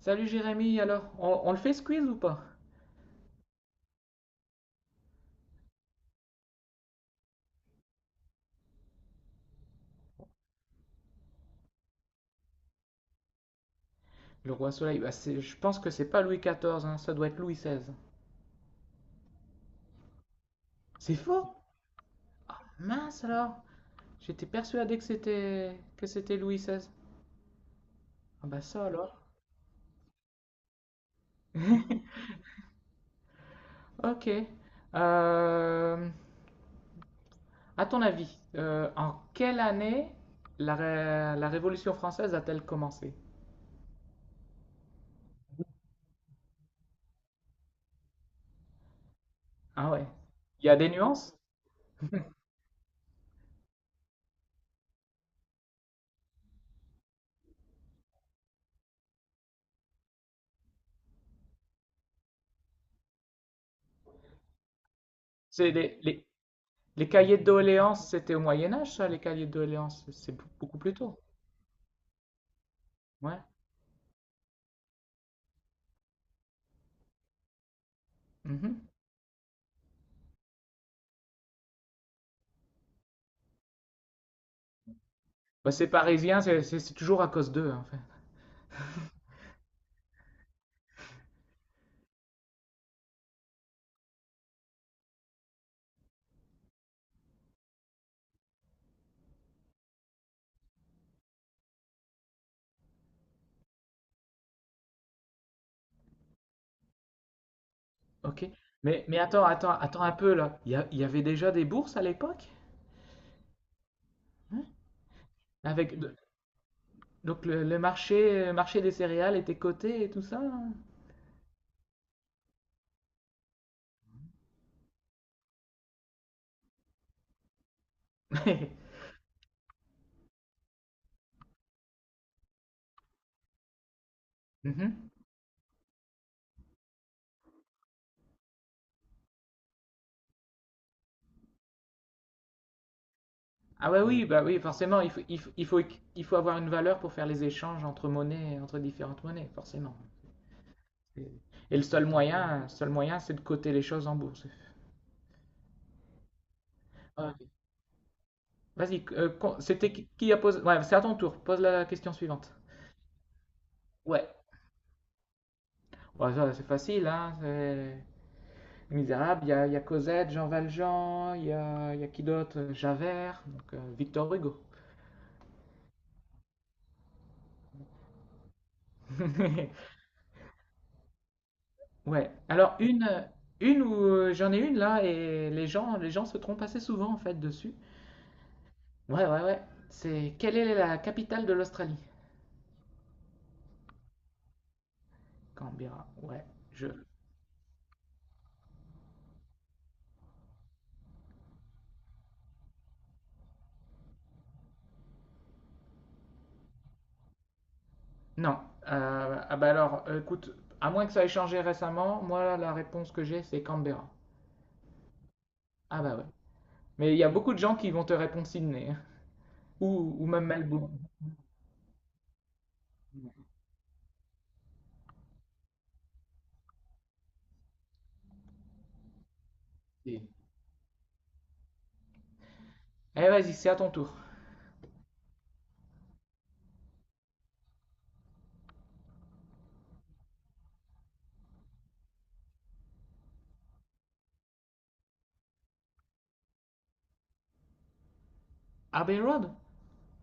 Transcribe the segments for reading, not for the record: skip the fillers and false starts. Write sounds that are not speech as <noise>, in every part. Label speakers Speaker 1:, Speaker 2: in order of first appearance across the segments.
Speaker 1: Salut Jérémy, alors, on le fait squeeze ou pas? Le roi soleil, bah je pense que c'est pas Louis XIV, hein, ça doit être Louis XVI. C'est faux? Mince alors, j'étais persuadé que c'était Louis XVI. Ah bah ça alors. Ok. Euh, à ton avis, en quelle année la Révolution française a-t-elle commencé? Ah ouais. Il y a des nuances? C'est les cahiers de doléances, c'était au Moyen Âge, ça, les cahiers de doléances, c'est beaucoup plus tôt. Ouais. Mhm. Bah, c'est parisien, c'est toujours à cause d'eux, en fait. Ok. Mais attends un peu, là. Il y avait déjà des bourses à l'époque? Hein. Avec, de- donc le marché, marché des céréales était coté et tout ça? Hein. <laughs> Mhm. Ah ouais, oui, bah oui, forcément, il faut avoir une valeur pour faire les échanges entre monnaies, entre différentes monnaies, forcément. Et et le seul moyen, c'est de coter les choses en bourse. Ah, ok. Vas-y, c'était qui a posé... Ouais, c'est à ton tour, pose la question suivante. Ouais. Bon, ça, c'est facile, hein. C'est... Misérable, il y a Cosette, Jean Valjean, il y a qui d'autre? Javert, donc, Victor Hugo. <laughs> Ouais. Alors, une où j'en ai une là, et les gens se trompent assez souvent en fait dessus. Ouais, ouais, ouais. C'est quelle est la capitale de l'Australie? Canberra. Ouais, je. Non. Ah bah alors, écoute, à moins que ça ait changé récemment, moi la réponse que j'ai c'est Canberra. Ah bah ouais. Mais il y a beaucoup de gens qui vont te répondre Sydney, hein. Ou même Melbourne. Et- Eh vas-y, c'est à ton tour. Abbey Road?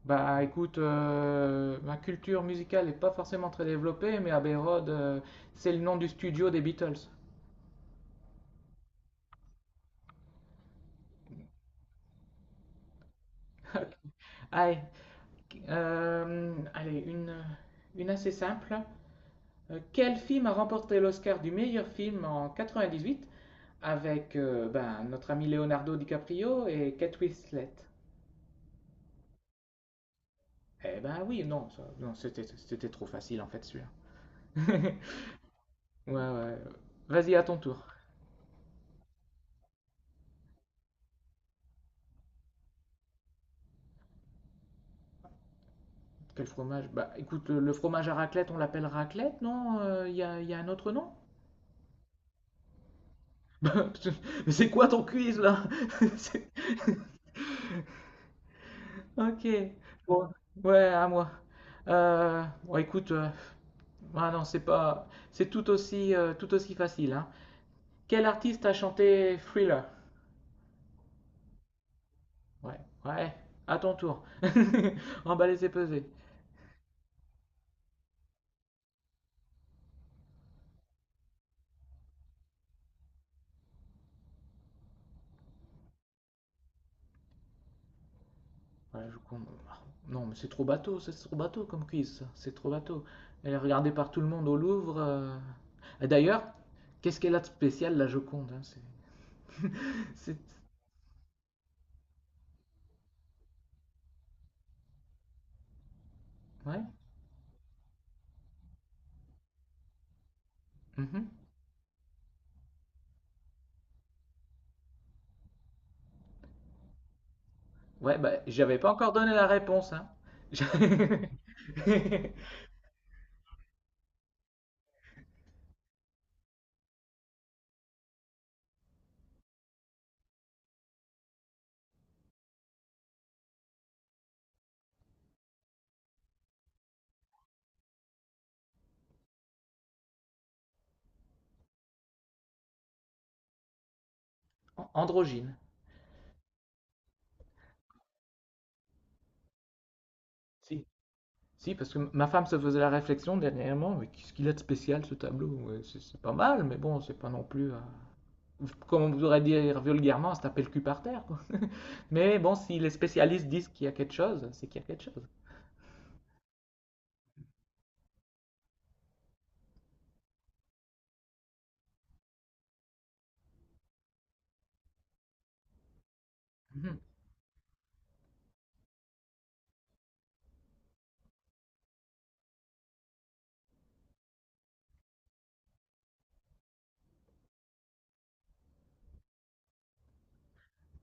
Speaker 1: Bah écoute, ma culture musicale n'est pas forcément très développée, mais Abbey Road, c'est le nom du studio des Beatles. Allez, allez une assez simple. Quel film a remporté l'Oscar du meilleur film en 98 avec ben, notre ami Leonardo DiCaprio et Kate Winslet? Eh ben oui, non, non, c'était trop facile en fait celui-là. <laughs> Ouais, ouais. Vas-y, à ton tour. Quel fromage? Bah écoute, le fromage à raclette, on l'appelle raclette, non? Il y a un autre nom? <laughs> Mais c'est quoi ton quiz là? <laughs> C'est- Ok. Bon, ouais, à moi. Bon, écoute, ah non, c'est pas, c'est tout aussi facile, hein. Quel artiste a chanté Thriller? Ouais, ouais. À ton tour. <laughs> Emballé, c'est pesé. Voilà, je Non, mais c'est trop bateau comme quiz, c'est trop bateau. Elle est regardée par tout le monde au Louvre. D'ailleurs, qu'est-ce qu'elle a de spécial, la Joconde, hein, c'est... Ouais, mhm. Ouais, bah, j'avais pas encore donné la réponse, hein. <laughs> Androgyne. Si. Si, parce que ma femme se faisait la réflexion dernièrement, mais qu'est-ce qu'il a de spécial ce tableau? Ouais, c'est pas mal, mais bon, c'est pas non plus. Comme on voudrait dire vulgairement, ça taper le cul par terre. Quoi. <laughs> Mais bon, si les spécialistes disent qu'il y a quelque chose, c'est qu'il y a quelque chose. Mhm.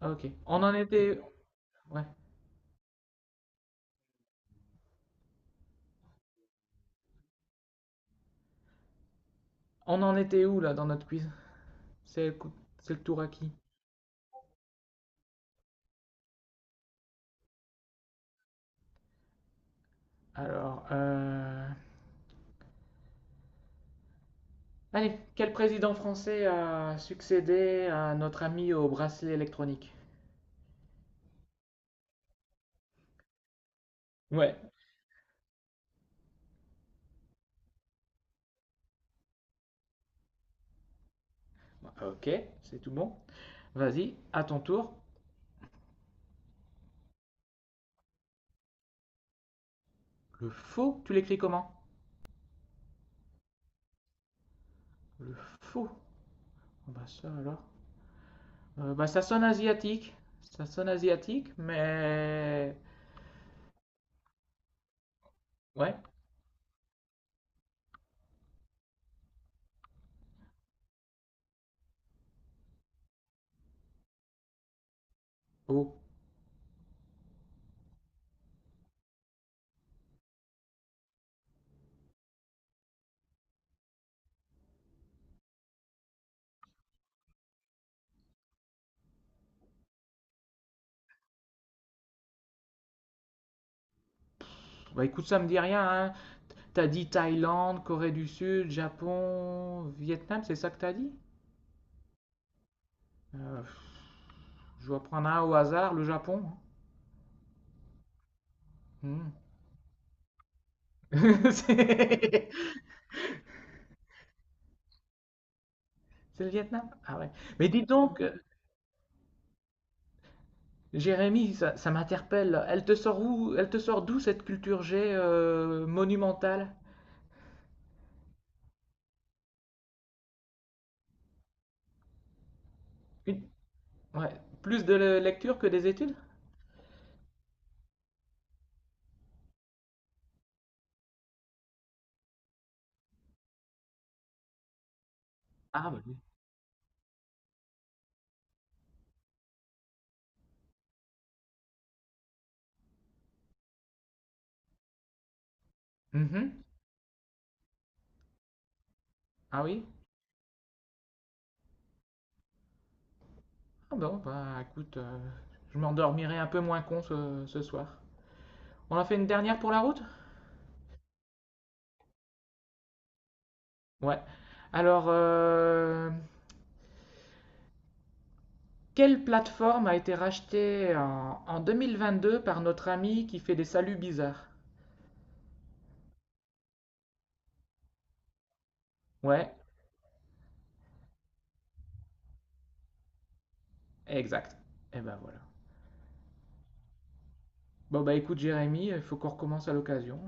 Speaker 1: Ok. On en était, ouais. On en était où là dans notre quiz? C'est le coup- c'est le tour à qui? Alors, allez, quel président français a succédé à notre ami au bracelet électronique? Ouais. Ok, c'est tout bon. Vas-y, à ton tour. Le faux, tu l'écris comment? Le faux. Ah bah ça alors. Bah, ça sonne asiatique. Ça sonne asiatique, mais. Ouais. Oh. Bah, écoute, ça me dit rien, hein. T'as dit Thaïlande, Corée du Sud, Japon, Vietnam, c'est ça que t'as dit? Euh, je vais prendre un au hasard, le Japon. Hein. Hmm. <laughs> C'est c'est le Vietnam? Ah ouais. Mais dis donc, Jérémy, ça m'interpelle. Elle te sort d'où cette culture G, monumentale? Une- Ouais. Plus de lecture que des études? Ah, bah oui. Mhm. Ah oui? Ah bon, bah écoute, je m'endormirai un peu moins con ce soir. On en fait une dernière pour la route? Ouais. Alors, quelle plateforme a été rachetée en 2022 par notre ami qui fait des saluts bizarres? Ouais, exact. Et ben voilà. Bon bah écoute Jérémy, il faut qu'on recommence à l'occasion.